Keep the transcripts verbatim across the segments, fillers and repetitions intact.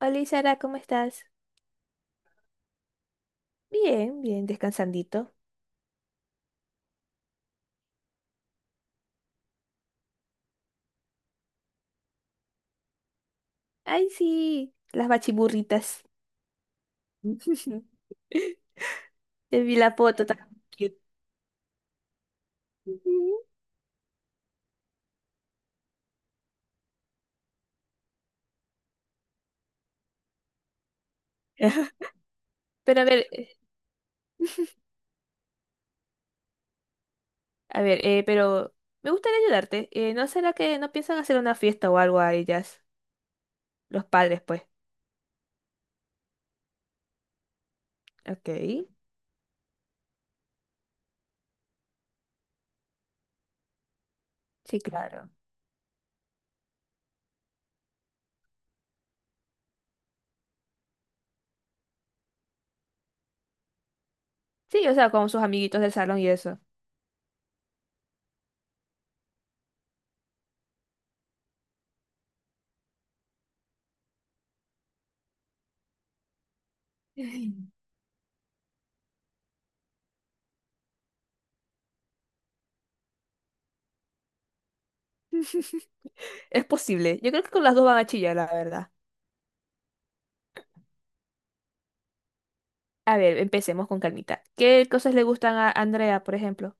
Hola Sara, ¿cómo estás? Bien, bien, descansandito. Ay, sí, las bachiburritas. Te vi la foto tan cute. Ujú. Pero a ver, eh, a ver, eh, pero me gustaría ayudarte. Eh, ¿no será que no piensan hacer una fiesta o algo a ellas? Los padres, pues. Ok, sí, claro. Sí, o sea, con sus amiguitos del salón y eso. Es posible. Yo creo que con las dos van a chillar, la verdad. A ver, empecemos con calmita. ¿Qué cosas le gustan a Andrea, por ejemplo?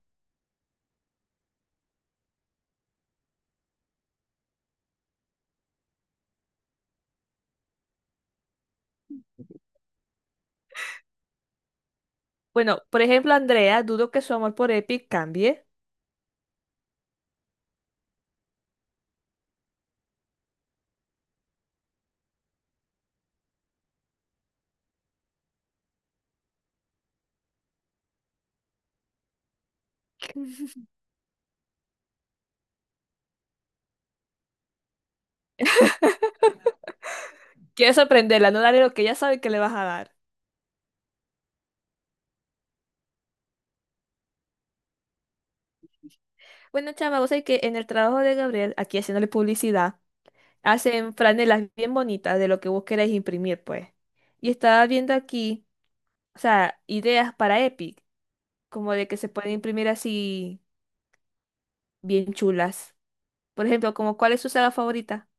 Bueno, por ejemplo, Andrea, dudo que su amor por Epic cambie. Quiero sorprenderla, no darle lo que ella sabe que le vas a dar. Bueno, chama, vos sabés que en el trabajo de Gabriel, aquí haciéndole publicidad, hacen franelas bien bonitas de lo que vos queréis imprimir, pues. Y estaba viendo aquí, o sea, ideas para Epic, como de que se pueden imprimir así bien chulas. Por ejemplo, como ¿cuál es su saga favorita?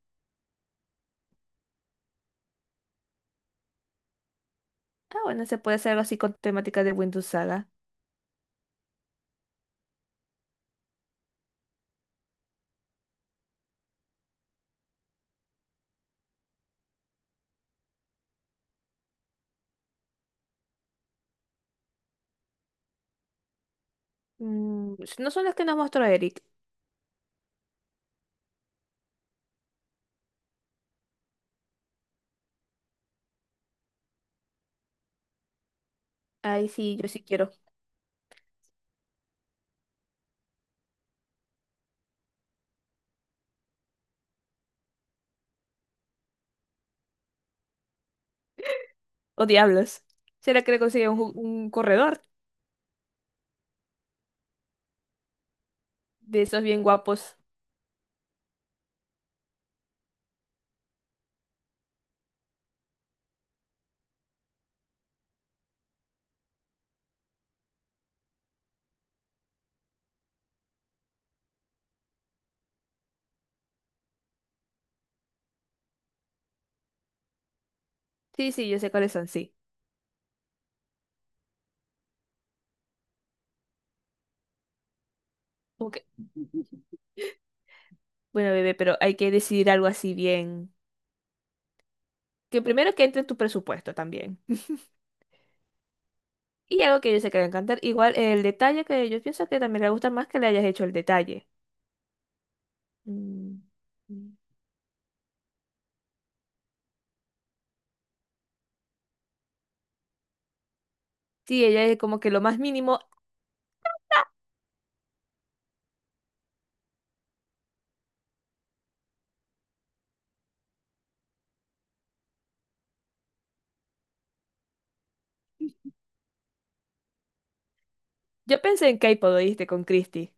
Ah, bueno, se puede hacer algo así con temática de Windows Saga. Mm, no son las que nos mostró Eric. Ay, sí, yo sí quiero. Oh, diablos. ¿Será que le consigue un, ju- un corredor de esos bien guapos? Sí, sí, yo sé cuáles son, sí. Ok. Bueno, bebé, pero hay que decidir algo así bien. Que primero que entre en tu presupuesto también. Y algo que yo sé que le va a encantar. Igual el detalle que yo pienso que también le gusta más que le hayas hecho el detalle. Mm. Mm. Sí, ella es como que lo más mínimo. Yo pensé en K-pop, ¿oíste? Con Christy.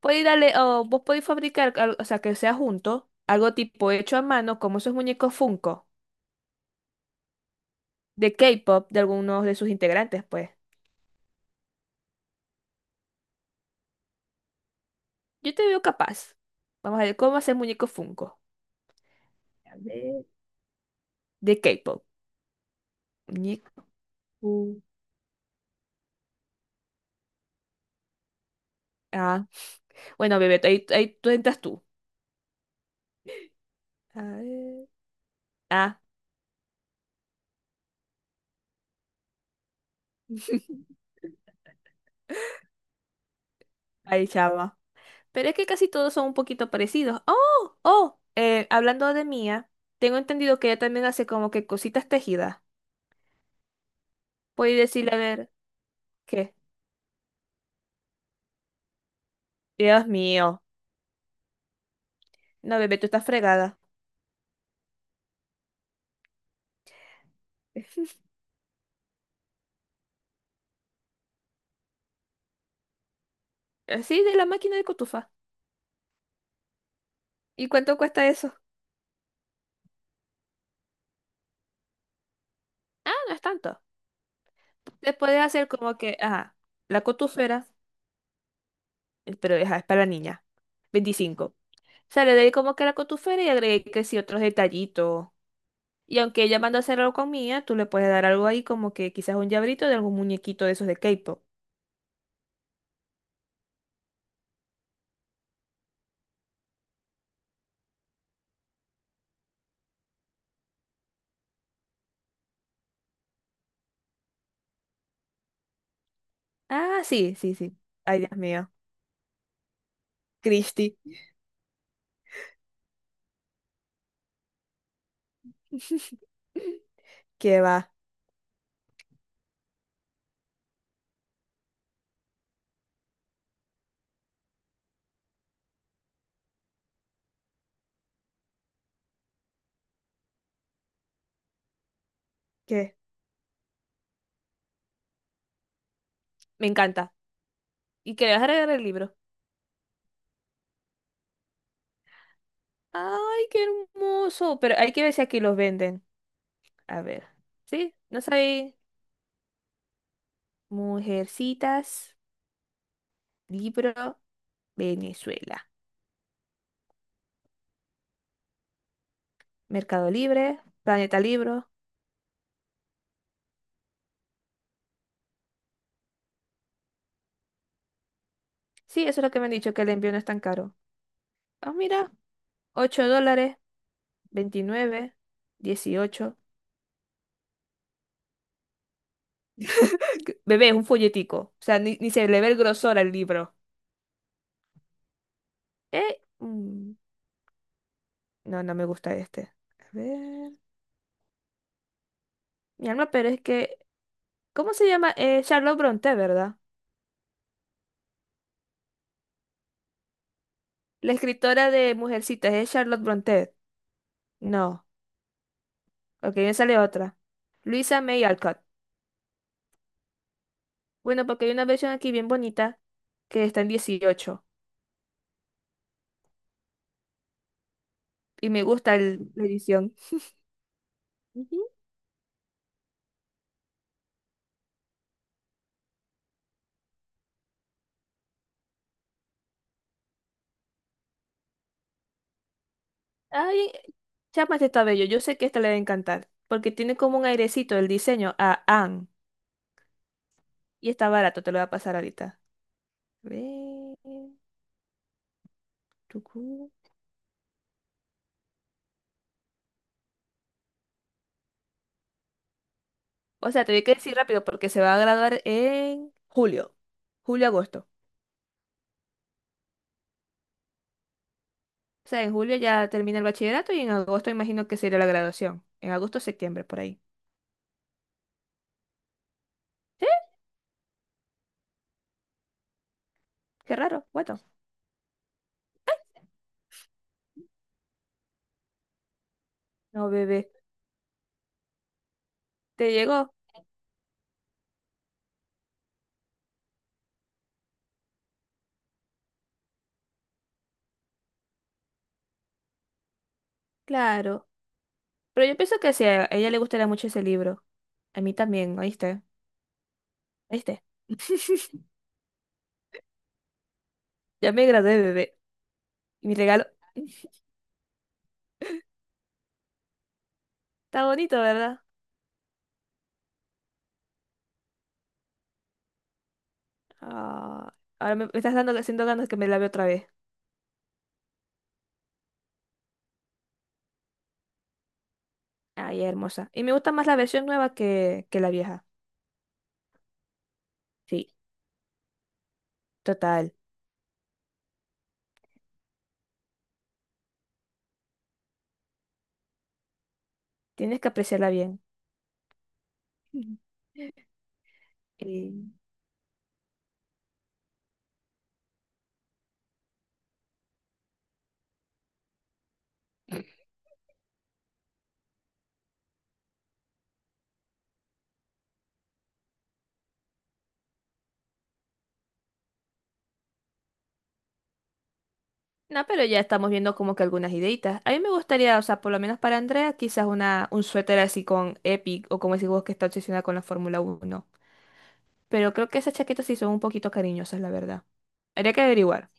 Podéis darle, o vos podéis fabricar, al- o sea, que sea junto, algo tipo hecho a mano, como esos muñecos Funko. De K-pop de algunos de sus integrantes, pues. Yo te veo capaz. Vamos a ver cómo hacer muñeco Funko. A ver. De K-pop. Muñeco. Ah, bueno, bebé, ahí, ahí tú entras tú. A ver. Ah, ahí chava. Pero es que casi todos son un poquito parecidos. Oh, oh, eh, hablando de Mía, tengo entendido que ella también hace como que cositas tejidas. Puedes decirle, a ver, ¿qué? Dios mío. No, bebé, tú estás fregada. Así de la máquina de cotufa. ¿Y cuánto cuesta eso? No es tanto. Te puedes hacer como que, ajá, la cotufera, eh, pero ajá, es para la niña, veinticinco. Sale de ahí como que la cotufera y agregué que sí otros detallitos. Y aunque ella manda a hacer algo con Mía, tú le puedes dar algo ahí como que quizás un llaverito de algún muñequito de esos de K-pop. Ah, sí, sí, sí. Ay, Dios mío. Christy. ¿Qué va? ¿Qué? Me encanta. ¿Y que le vas a regalar el libro? Ay, qué hermoso. Pero hay que ver si aquí los venden. A ver. ¿Sí? No sabéis. Mujercitas, libro, Venezuela. Mercado Libre, Planeta Libro. Sí, eso es lo que me han dicho, que el envío no es tan caro. Ah, mira, ocho dólares, veintinueve, dieciocho. Bebé, es un folletico. O sea, ni, ni se le ve el grosor al libro. Eh, mm, no, no me gusta este. A ver. Mi alma, pero es que. ¿Cómo se llama? Eh, Charlotte Brontë, ¿verdad? La escritora de Mujercitas es Charlotte Brontë. No. Ok, me sale otra. Luisa May Alcott. Bueno, porque hay una versión aquí bien bonita que está en dieciocho y me gusta el- la edición. Ujú. Ay, chama, este está bello. Yo sé que esta le va a encantar porque tiene como un airecito el diseño a Anne y está barato, te lo voy a pasar ahorita. Ve, tucú. O sea, te voy que decir rápido porque se va a graduar en julio, julio-agosto. O sea, en julio ya termina el bachillerato y en agosto imagino que sería la graduación. En agosto, septiembre, por ahí. Sí, qué raro. Bueno, no, bebé. ¿Te llegó? Claro. Pero yo pienso que sí, a ella le gustaría mucho ese libro. A mí también, ¿oíste? ¿Oíste? Ya me gradué, bebé. Y mi regalo está bonito, ¿verdad? Ah, ahora me, me estás dando haciendo ganas que me la vea otra vez. Ay, hermosa. Y me gusta más la versión nueva que, que la vieja. Sí, total. Tienes que apreciarla bien. Ujú. Eh, No, pero ya estamos viendo como que algunas ideitas. A mí me gustaría, o sea, por lo menos para Andrea, quizás una, un suéter así con Epic o como ese vos que está obsesionada con la Fórmula Uno. Pero creo que esas chaquetas sí son un poquito cariñosas, la verdad. Habría que averiguar.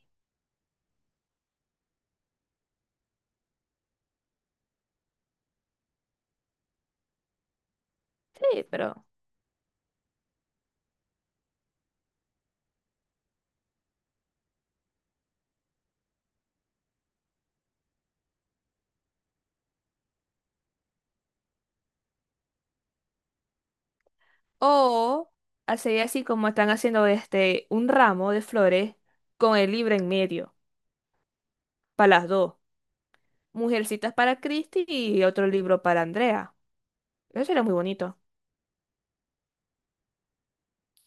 Sí, pero. O hacer así como están haciendo este, un ramo de flores con el libro en medio, para las dos. Mujercitas para Christy y otro libro para Andrea. Eso sería muy bonito.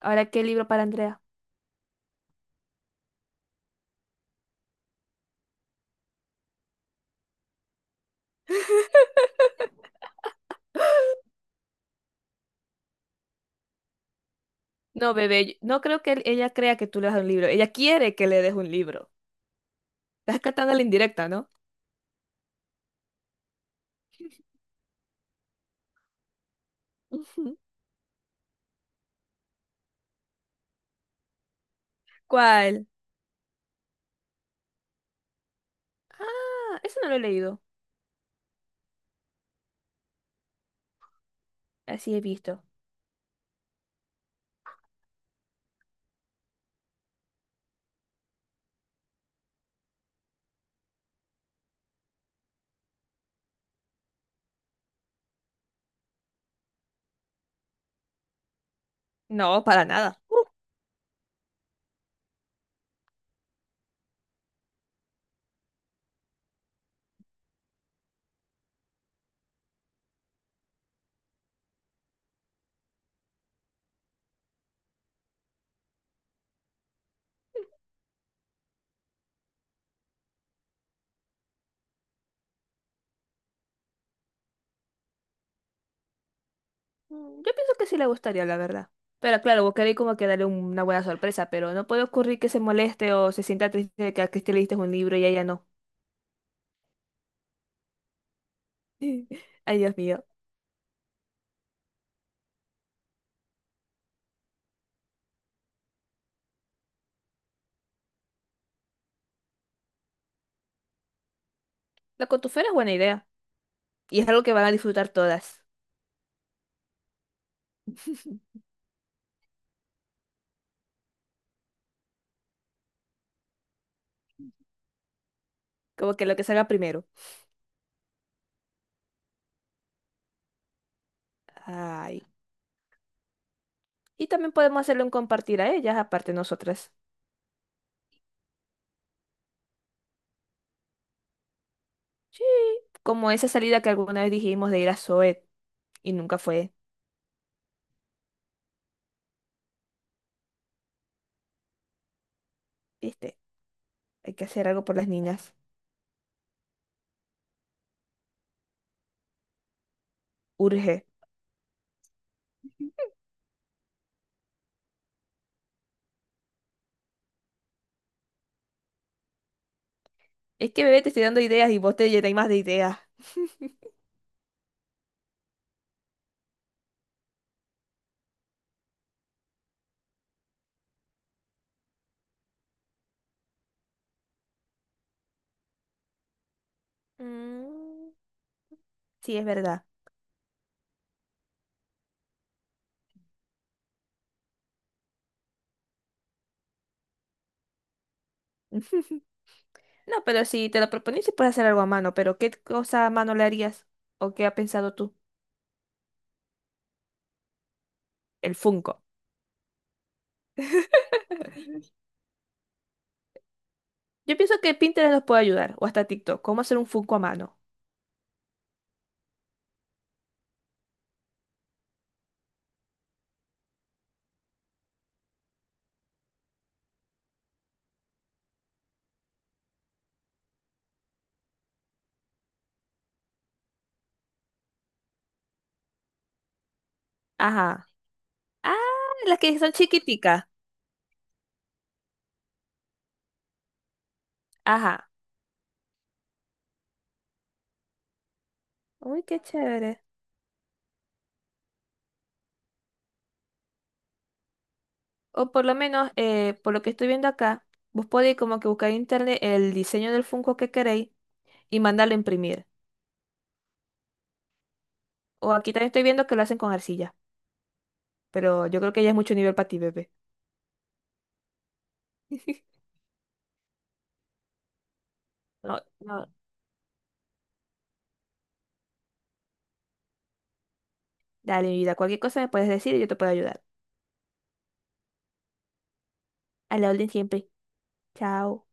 Ahora, ¿qué libro para Andrea? No, bebé, yo- no creo que él- ella crea que tú le das un libro. Ella quiere que le des un libro. Estás cantando la indirecta, ¿no? Ujú. ¿Cuál? Ah, eso no lo he leído. Así he visto. No, para nada. Mm, Yo pienso que sí le gustaría, la verdad. Pero claro, vos querés como que darle un- una buena sorpresa, pero no puede ocurrir que se moleste o se sienta triste de que a Cristi le diste un libro y a ella no. Ay, Dios mío. La contufela es buena idea. Y es algo que van a disfrutar todas. Como que lo que salga primero. Ay. Y también podemos hacerle un compartir a ellas, aparte de nosotras. Sí. Como esa salida que alguna vez dijimos de ir a Zoet y nunca fue. ¿Viste? Hay que hacer algo por las niñas. Urge. Es que bebé te estoy dando ideas y vos te llenáis más de ideas. Mm. Sí, es verdad. No, pero si te lo propones sí puedes hacer algo a mano, pero ¿qué cosa a mano le harías? ¿O qué ha pensado tú? El Funko. Yo pienso que Pinterest nos puede ayudar, o hasta TikTok. ¿Cómo hacer un Funko a mano? Ajá. Ah, las que son chiquiticas. Ajá. Uy, qué chévere. O por lo menos, eh, por lo que estoy viendo acá, vos podéis como que buscar en internet el diseño del Funko que queréis y mandarlo a imprimir. O aquí también estoy viendo que lo hacen con arcilla, pero yo creo que ya es mucho nivel para ti, bebé. No, no. Dale, mi vida, cualquier cosa me puedes decir y yo te puedo ayudar. A la orden siempre. Chao.